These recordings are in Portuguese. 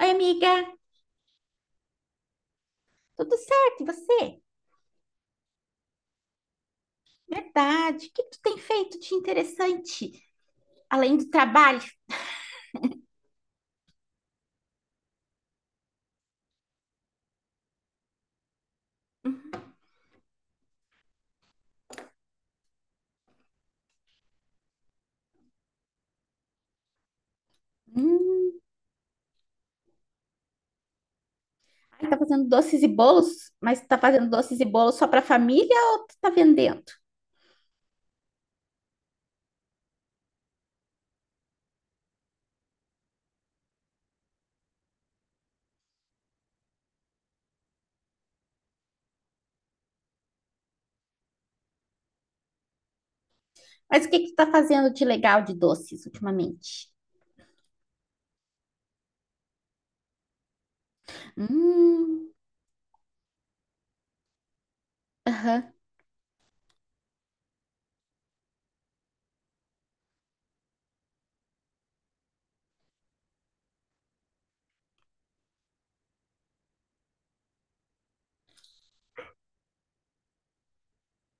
Oi, amiga, tudo certo? E você? Verdade. O que tu tem feito de interessante além do trabalho? Hum, ai, tá fazendo doces e bolos, mas tá fazendo doces e bolos só pra família ou tu tá vendendo? Mas o que que tu tá fazendo de legal de doces ultimamente? Hum, aham.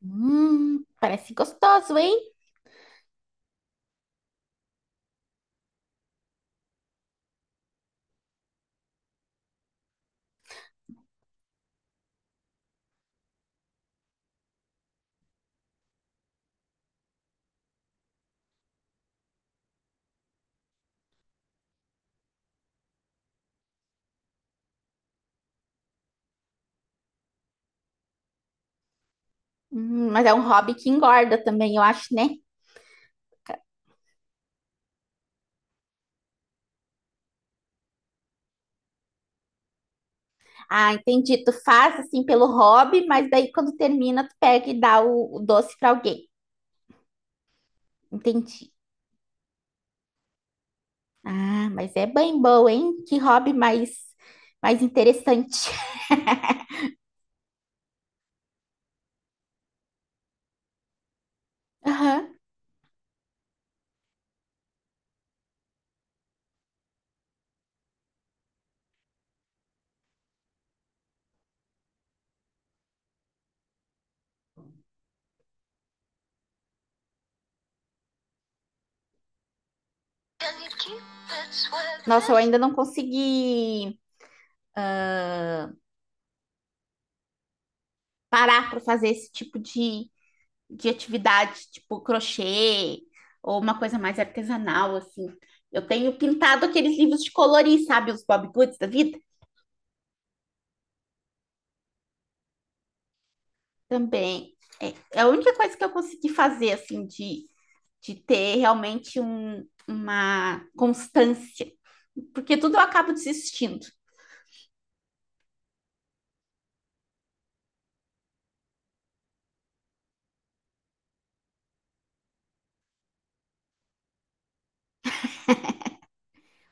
Parece gostoso, hein? Mas é um hobby que engorda também, eu acho, né? Ah, entendi. Tu faz assim pelo hobby, mas daí quando termina, tu pega e dá o doce para alguém. Entendi. Ah, mas é bem bom, hein? Que hobby mais interessante. Aham. Nossa, eu ainda não consegui parar para fazer esse tipo de atividade, tipo crochê ou uma coisa mais artesanal, assim. Eu tenho pintado aqueles livros de colorir, sabe? Os Bob Goods da vida. Também. É, é a única coisa que eu consegui fazer, assim, de ter realmente uma constância. Porque tudo eu acabo desistindo.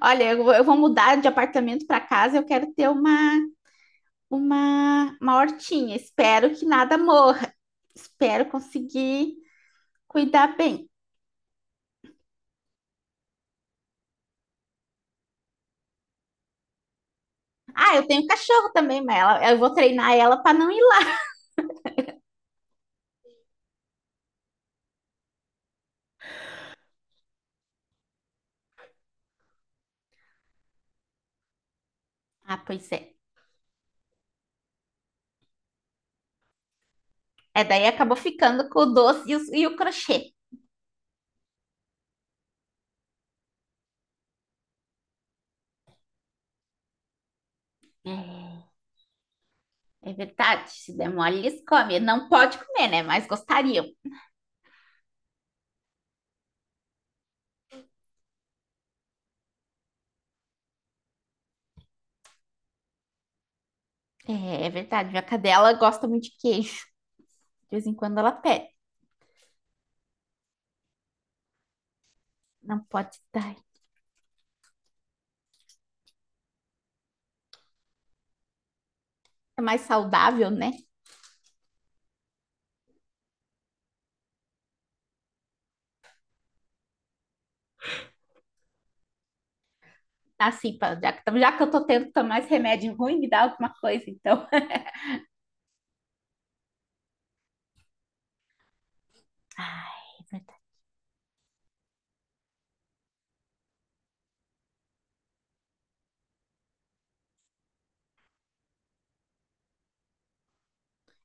Olha, eu, eu vou mudar de apartamento para casa, eu quero ter uma hortinha. Espero que nada morra. Espero conseguir cuidar bem. Ah, eu tenho cachorro também, mas ela, eu vou treinar ela para não ir lá. Ah, pois é. É, daí acabou ficando com o doce e o crochê. É, é verdade, se der mole, eles comem. Não pode comer, né? Mas gostariam. É, é verdade, minha cadela gosta muito de queijo. De vez em quando ela pede. Não pode dar. É mais saudável, né? Assim, já que eu tô tendo que tomar esse remédio ruim, me dá alguma coisa, então. Ai, é verdade.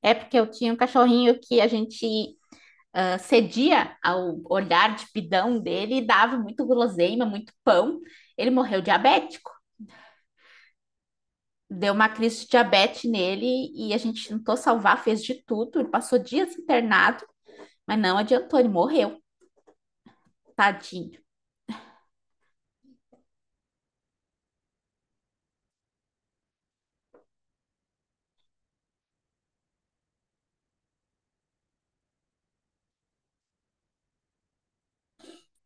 É porque eu tinha um cachorrinho que a gente ah, cedia ao olhar de pidão dele e dava muito guloseima, muito pão. Ele morreu de diabetes. Deu uma crise de diabetes nele e a gente tentou salvar, fez de tudo, ele passou dias internado, mas não adiantou, ele morreu, tadinho.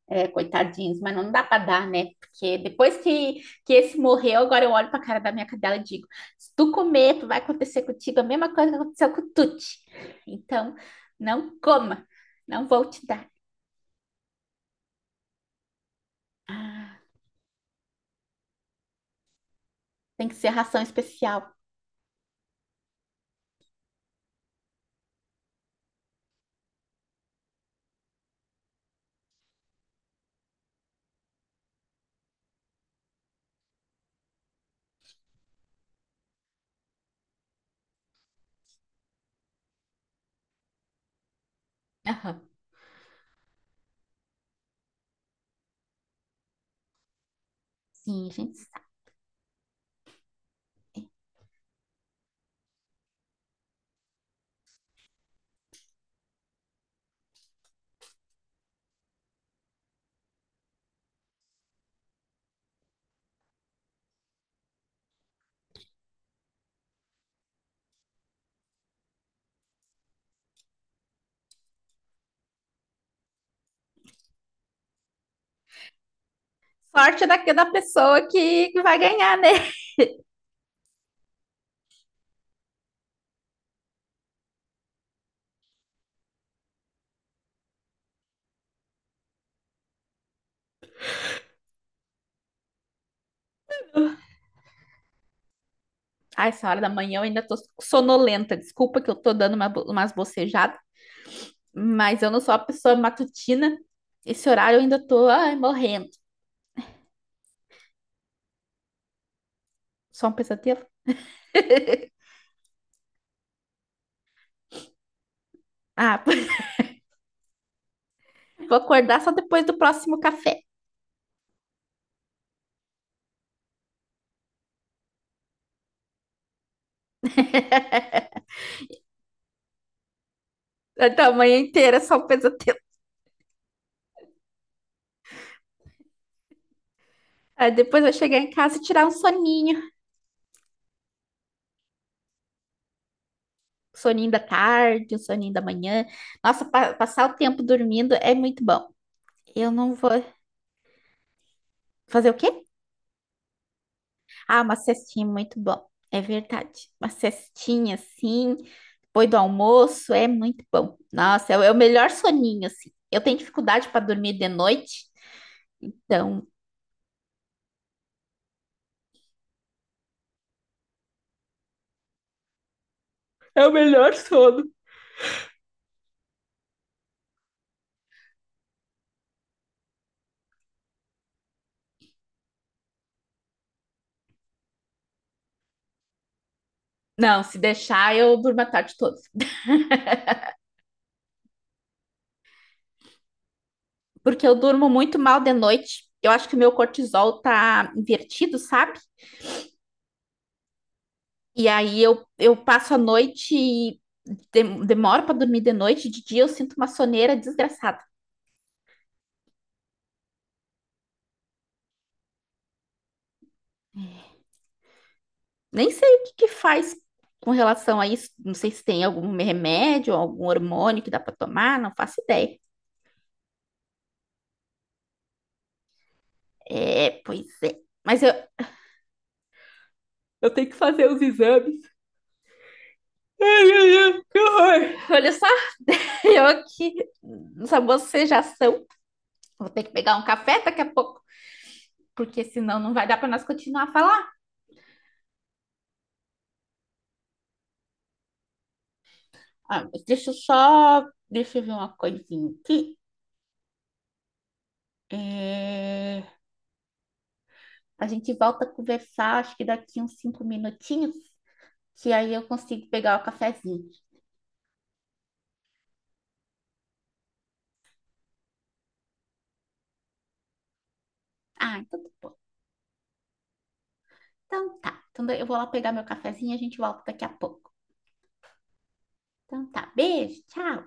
É, coitadinhos, mas não dá para dar, né? Porque depois que esse morreu, agora eu olho para a cara da minha cadela e digo: se tu comer, tu vai acontecer contigo a mesma coisa que aconteceu com o Tuti. Então, não coma, não vou te dar. Tem que ser ração especial. Aham. Sim, a gente sabe. Sorte daqui da pessoa que vai ganhar, né? Ah, essa hora da manhã eu ainda tô sonolenta. Desculpa que eu tô dando uma, umas bocejadas, mas eu não sou a pessoa matutina. Esse horário eu ainda tô, ai, morrendo. Só um pesadelo? Ah, vou acordar só depois do próximo café. Então, a manhã inteira é só um pesadelo. Aí depois eu chegar em casa e tirar um soninho. Soninho da tarde, um soninho da manhã. Nossa, passar o tempo dormindo é muito bom. Eu não vou fazer o quê? Ah, uma cestinha muito bom. É verdade. Uma cestinha assim. Depois do almoço é muito bom. Nossa, é o melhor soninho, assim. Eu tenho dificuldade para dormir de noite, então é o melhor sono. Não, se deixar, eu durmo a tarde toda. Porque eu durmo muito mal de noite. Eu acho que o meu cortisol tá invertido, sabe? E aí eu passo a noite e demoro para dormir de noite. De dia eu sinto uma soneira desgraçada. Nem sei o que que faz com relação a isso. Não sei se tem algum remédio, algum hormônio que dá para tomar, não faço ideia. É, pois é. Mas eu tenho que fazer os exames. Ai, ai, ai, que horror. Olha só, eu aqui nessa bocejação. Vou ter que pegar um café daqui a pouco, porque senão não vai dar para nós continuar a falar. Ah, mas deixa eu só. Deixa eu ver uma coisinha aqui. É, a gente volta a conversar, acho que daqui uns 5 minutinhos, que aí eu consigo pegar o cafezinho. Ah, então tá bom. Então tá. Então eu vou lá pegar meu cafezinho e a gente volta daqui a pouco. Então tá. Beijo, tchau.